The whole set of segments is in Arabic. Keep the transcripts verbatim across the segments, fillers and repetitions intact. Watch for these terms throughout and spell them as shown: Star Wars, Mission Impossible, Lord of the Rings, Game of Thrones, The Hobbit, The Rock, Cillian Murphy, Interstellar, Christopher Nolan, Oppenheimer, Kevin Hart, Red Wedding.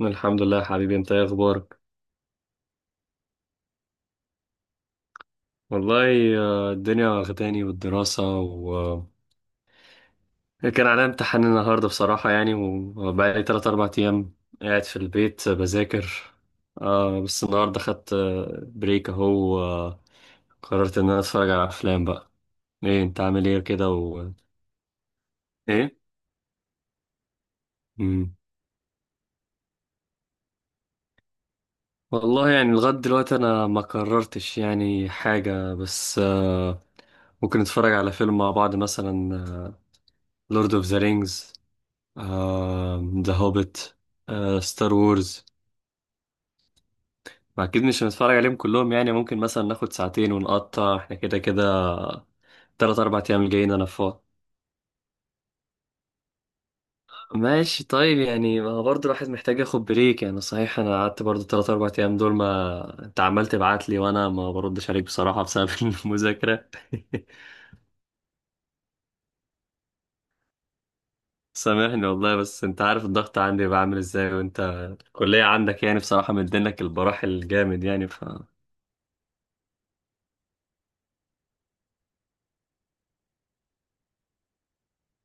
الحمد لله يا حبيبي، انت ايه اخبارك؟ والله. آه، الدنيا واخداني والدراسة و... آه، كان عليا امتحان النهاردة بصراحة، يعني وبقالي تلات أربع أيام قاعد في البيت بذاكر. آه بس النهاردة خدت آه، بريك أهو آه، قررت إن أنا أتفرج على أفلام بقى. إيه أنت عامل إيه كده و... إيه؟ مم. والله يعني لغاية دلوقتي أنا ما قررتش يعني حاجة بس آه ممكن نتفرج على فيلم مع بعض مثلا، لورد أوف ذا رينجز، آه، ذا هوبيت، ستار وورز. اكيد مش هنتفرج عليهم كلهم، يعني ممكن مثلا ناخد ساعتين ونقطع احنا كده كده. تلات اربع ايام الجايين انا فاضي. ماشي طيب، يعني ما هو برضه الواحد محتاج ياخد بريك، يعني صحيح انا قعدت برضه تلات اربع ايام دول ما... انت عمال تبعت لي وانا ما بردش عليك بصراحة بسبب المذاكرة. سامحني والله، بس انت عارف الضغط عندي بيبقى عامل ازاي، وانت الكلية عندك، يعني بصراحة مدينك البراح الجامد يعني ف...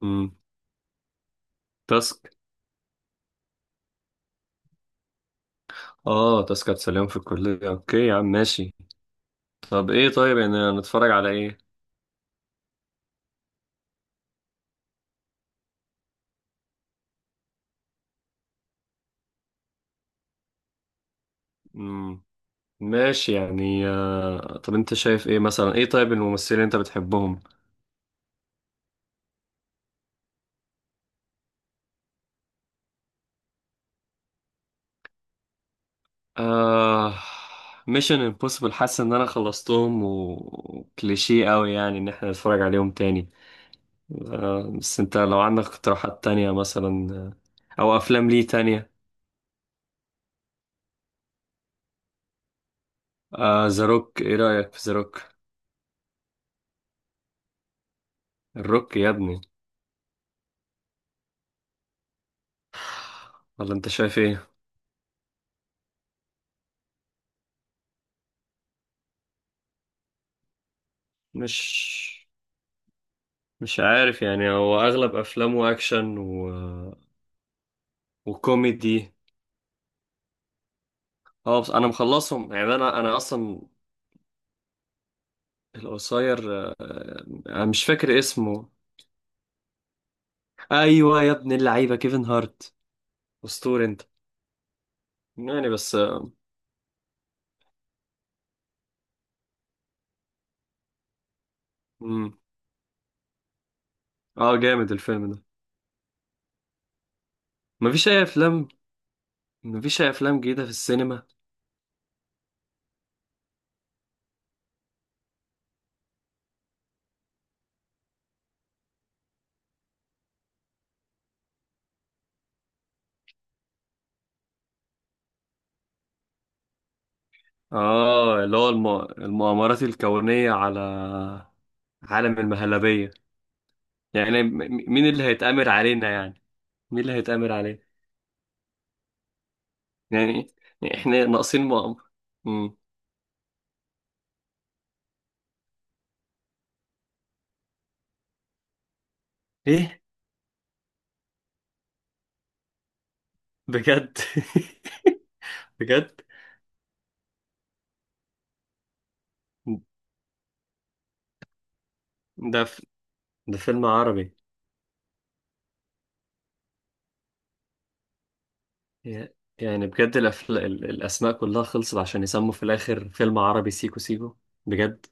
مم. تاسك. اه تذكرة سلام في الكلية، اوكي يا عم ماشي. طب ايه طيب، يعني نتفرج على ايه؟ مم. ماشي يعني. آه... طب انت شايف ايه مثلا؟ ايه طيب، الممثلين اللي انت بتحبهم؟ آه... ميشن امبوسيبل، حاسس ان انا خلصتهم وكليشيه قوي، يعني ان احنا نتفرج عليهم تاني. آه... بس انت لو عندك اقتراحات تانية مثلا. آه، او افلام ليه تانية. آه... ذا روك، ايه رأيك في ذا روك؟ الروك يا ابني. ولا انت شايف ايه؟ مش مش عارف، يعني هو اغلب افلامه اكشن و... وكوميدي. اه بس انا مخلصهم، يعني انا انا اصلا. القصير. انا مش فاكر اسمه. ايوه يا ابن اللعيبه، كيفن هارت. اسطوري انت. يعني بس. مم. اه جامد الفيلم ده. مفيش اي افلام. مفيش اي افلام جديده في السينما. اه اللي هو الم... المؤامرات الكونيه على عالم المهلبيه. يعني م- م- مين اللي هيتأمر علينا؟ يعني مين اللي هيتأمر علينا؟ يعني، يعني احنا ناقصين مؤامرة. مم. ايه. بجد. بجد. ده ف... ده فيلم عربي. ي- يعني بجد الأفل... ال- الأسماء كلها خلصت عشان يسموا في الآخر فيلم عربي سيكو سيكو؟ بجد.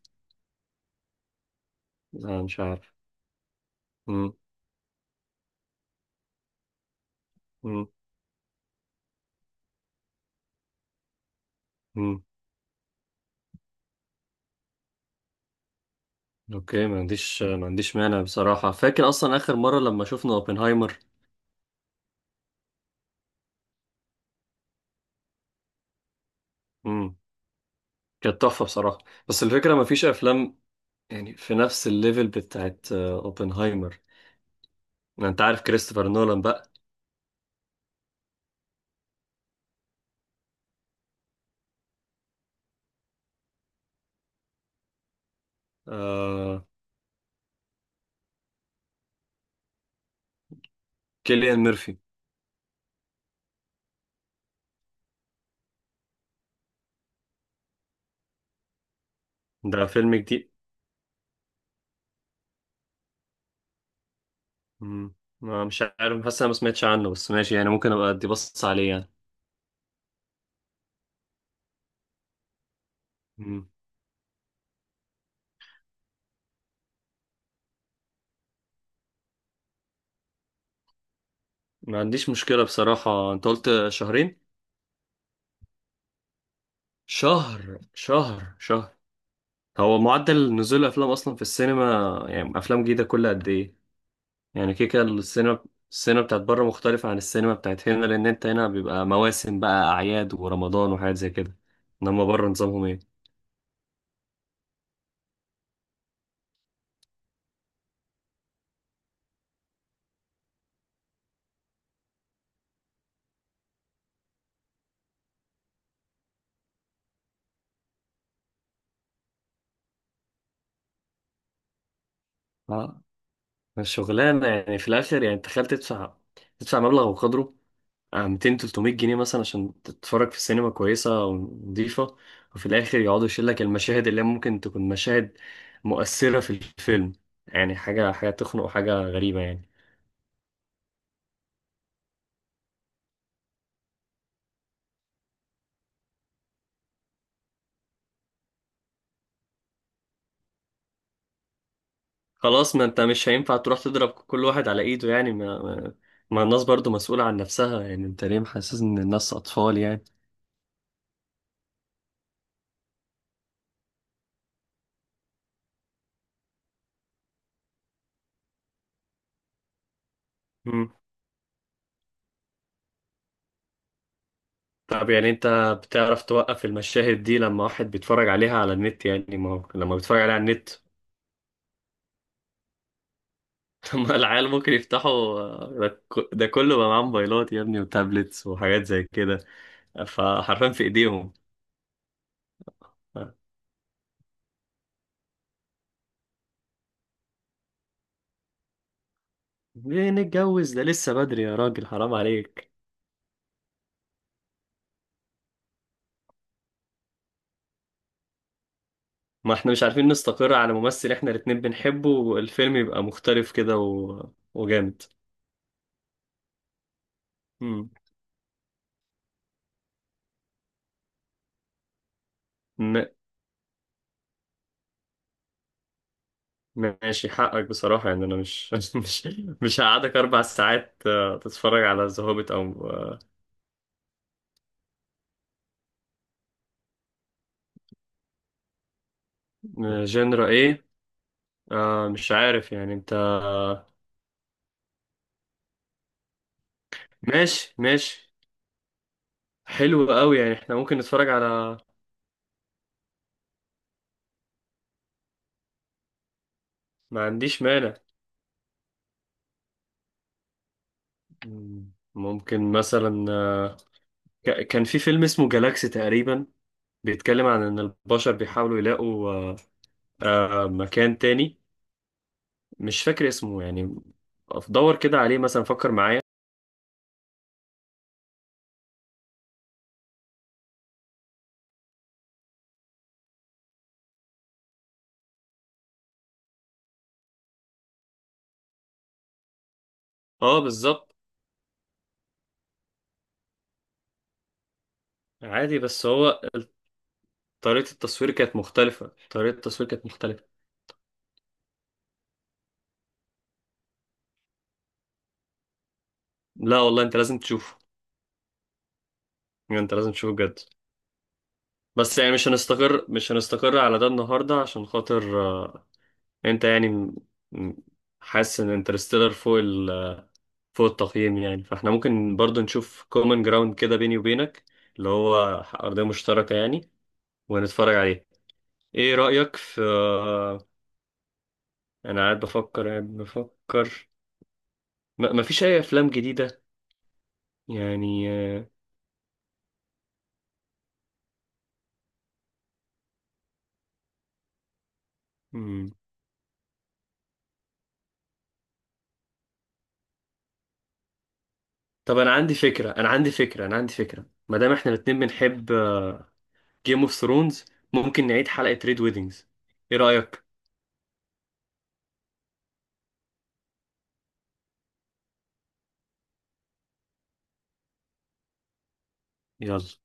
أنا مش عارف. مم. مم. مم. أوكي، ما عنديش ما عنديش مانع بصراحة، فاكر أصلا آخر مرة لما شفنا أوبنهايمر. مم. كانت تحفة بصراحة. بس الفكرة ما فيش أفلام يعني في نفس الليفل بتاعت آه، أوبنهايمر. أنت عارف كريستوفر نولان بقى. آه... كيليان ميرفي. ده فيلم جديد. مم. ما مش عارف، حاسس انا ما سمعتش عنه، بس ماشي يعني ممكن ابقى ادي بص عليه يعني. مم. ما عنديش مشكلة بصراحة، انت قلت شهرين. شهر، شهر، شهر. هو معدل نزول الافلام اصلا في السينما، يعني افلام جديدة كل قد ايه؟ يعني كيكا. السينما، السينما بتاعت بره مختلفة عن السينما بتاعت هنا، لان انت هنا بيبقى مواسم بقى، اعياد ورمضان وحاجات زي كده. انما بره نظامهم ايه الشغلانة يعني في الآخر؟ يعني تخيل تدفع تدفع مبلغ وقدره آه، مائتين تلتميه جنيه مثلا عشان تتفرج في سينما كويسة ونظيفة، وفي الآخر يقعدوا يشيل لك المشاهد اللي ممكن تكون مشاهد مؤثرة في الفيلم. يعني حاجة حاجة تخنق وحاجة غريبة يعني. خلاص، ما أنت مش هينفع تروح تضرب كل واحد على إيده. يعني ما ما ما الناس برضو مسؤولة عن نفسها، يعني أنت ليه محسس إن الناس أطفال؟ يعني طب، يعني انت بتعرف توقف المشاهد دي لما واحد بيتفرج عليها على النت؟ يعني ما هو لما بيتفرج عليها على النت... لما العيال ممكن يفتحوا. آه، ده ك- ده كله بقى معاه موبايلات يا ابني وتابلتس وحاجات زي كده، فحرفيا في ايديهم. ف- ليه نتجوز؟ ده لسه بدري يا راجل، حرام عليك. ما احنا مش عارفين نستقر على ممثل احنا الاتنين بنحبه، والفيلم يبقى مختلف كده و... وجامد. مم. ماشي حقك بصراحة، يعني أنا مش مش مش هقعدك أربع ساعات آه، تتفرج على ذا هوبيت أو... آه، جنرا إيه؟ آه، مش عارف يعني أنت. ماشي ماشي، حلو قوي يعني، إحنا ممكن نتفرج على... ما عنديش مانع. مم، ممكن مثلا آه، ك- كان في فيلم اسمه جالاكسي تقريبا، بيتكلم عن إن البشر بيحاولوا يلاقوا آه، آه، مكان تاني. مش فاكر اسمه يعني. دور كده عليه مثلا، فكر معايا. اه بالظبط. عادي، بس هو طريقة التصوير كانت مختلفة، طريقة التصوير كانت مختلفة. لا والله، انت لازم تشوفه. يعني انت لازم تشوفه بجد. بس يعني مش هنستقر مش هنستقر على ده النهاردة عشان خاطر آه، انت يعني م- م- حاسس ان انترستيلر فوق ال فوق التقييم، يعني فاحنا ممكن برضو نشوف كومن جراوند كده بيني وبينك، اللي هو أرضية مشتركة يعني، ونتفرج عليه. ايه رأيك في آه، انا قاعد بفكر قاعد بفكر. ما مفيش اي افلام جديدة يعني. آه، طب انا عندي فكره، انا عندي فكره، انا عندي فكره، ما دام احنا الاتنين بنحب جيم اوف ثرونز، ممكن نعيد حلقه ريد ويدنجز. ايه رايك؟ يلا.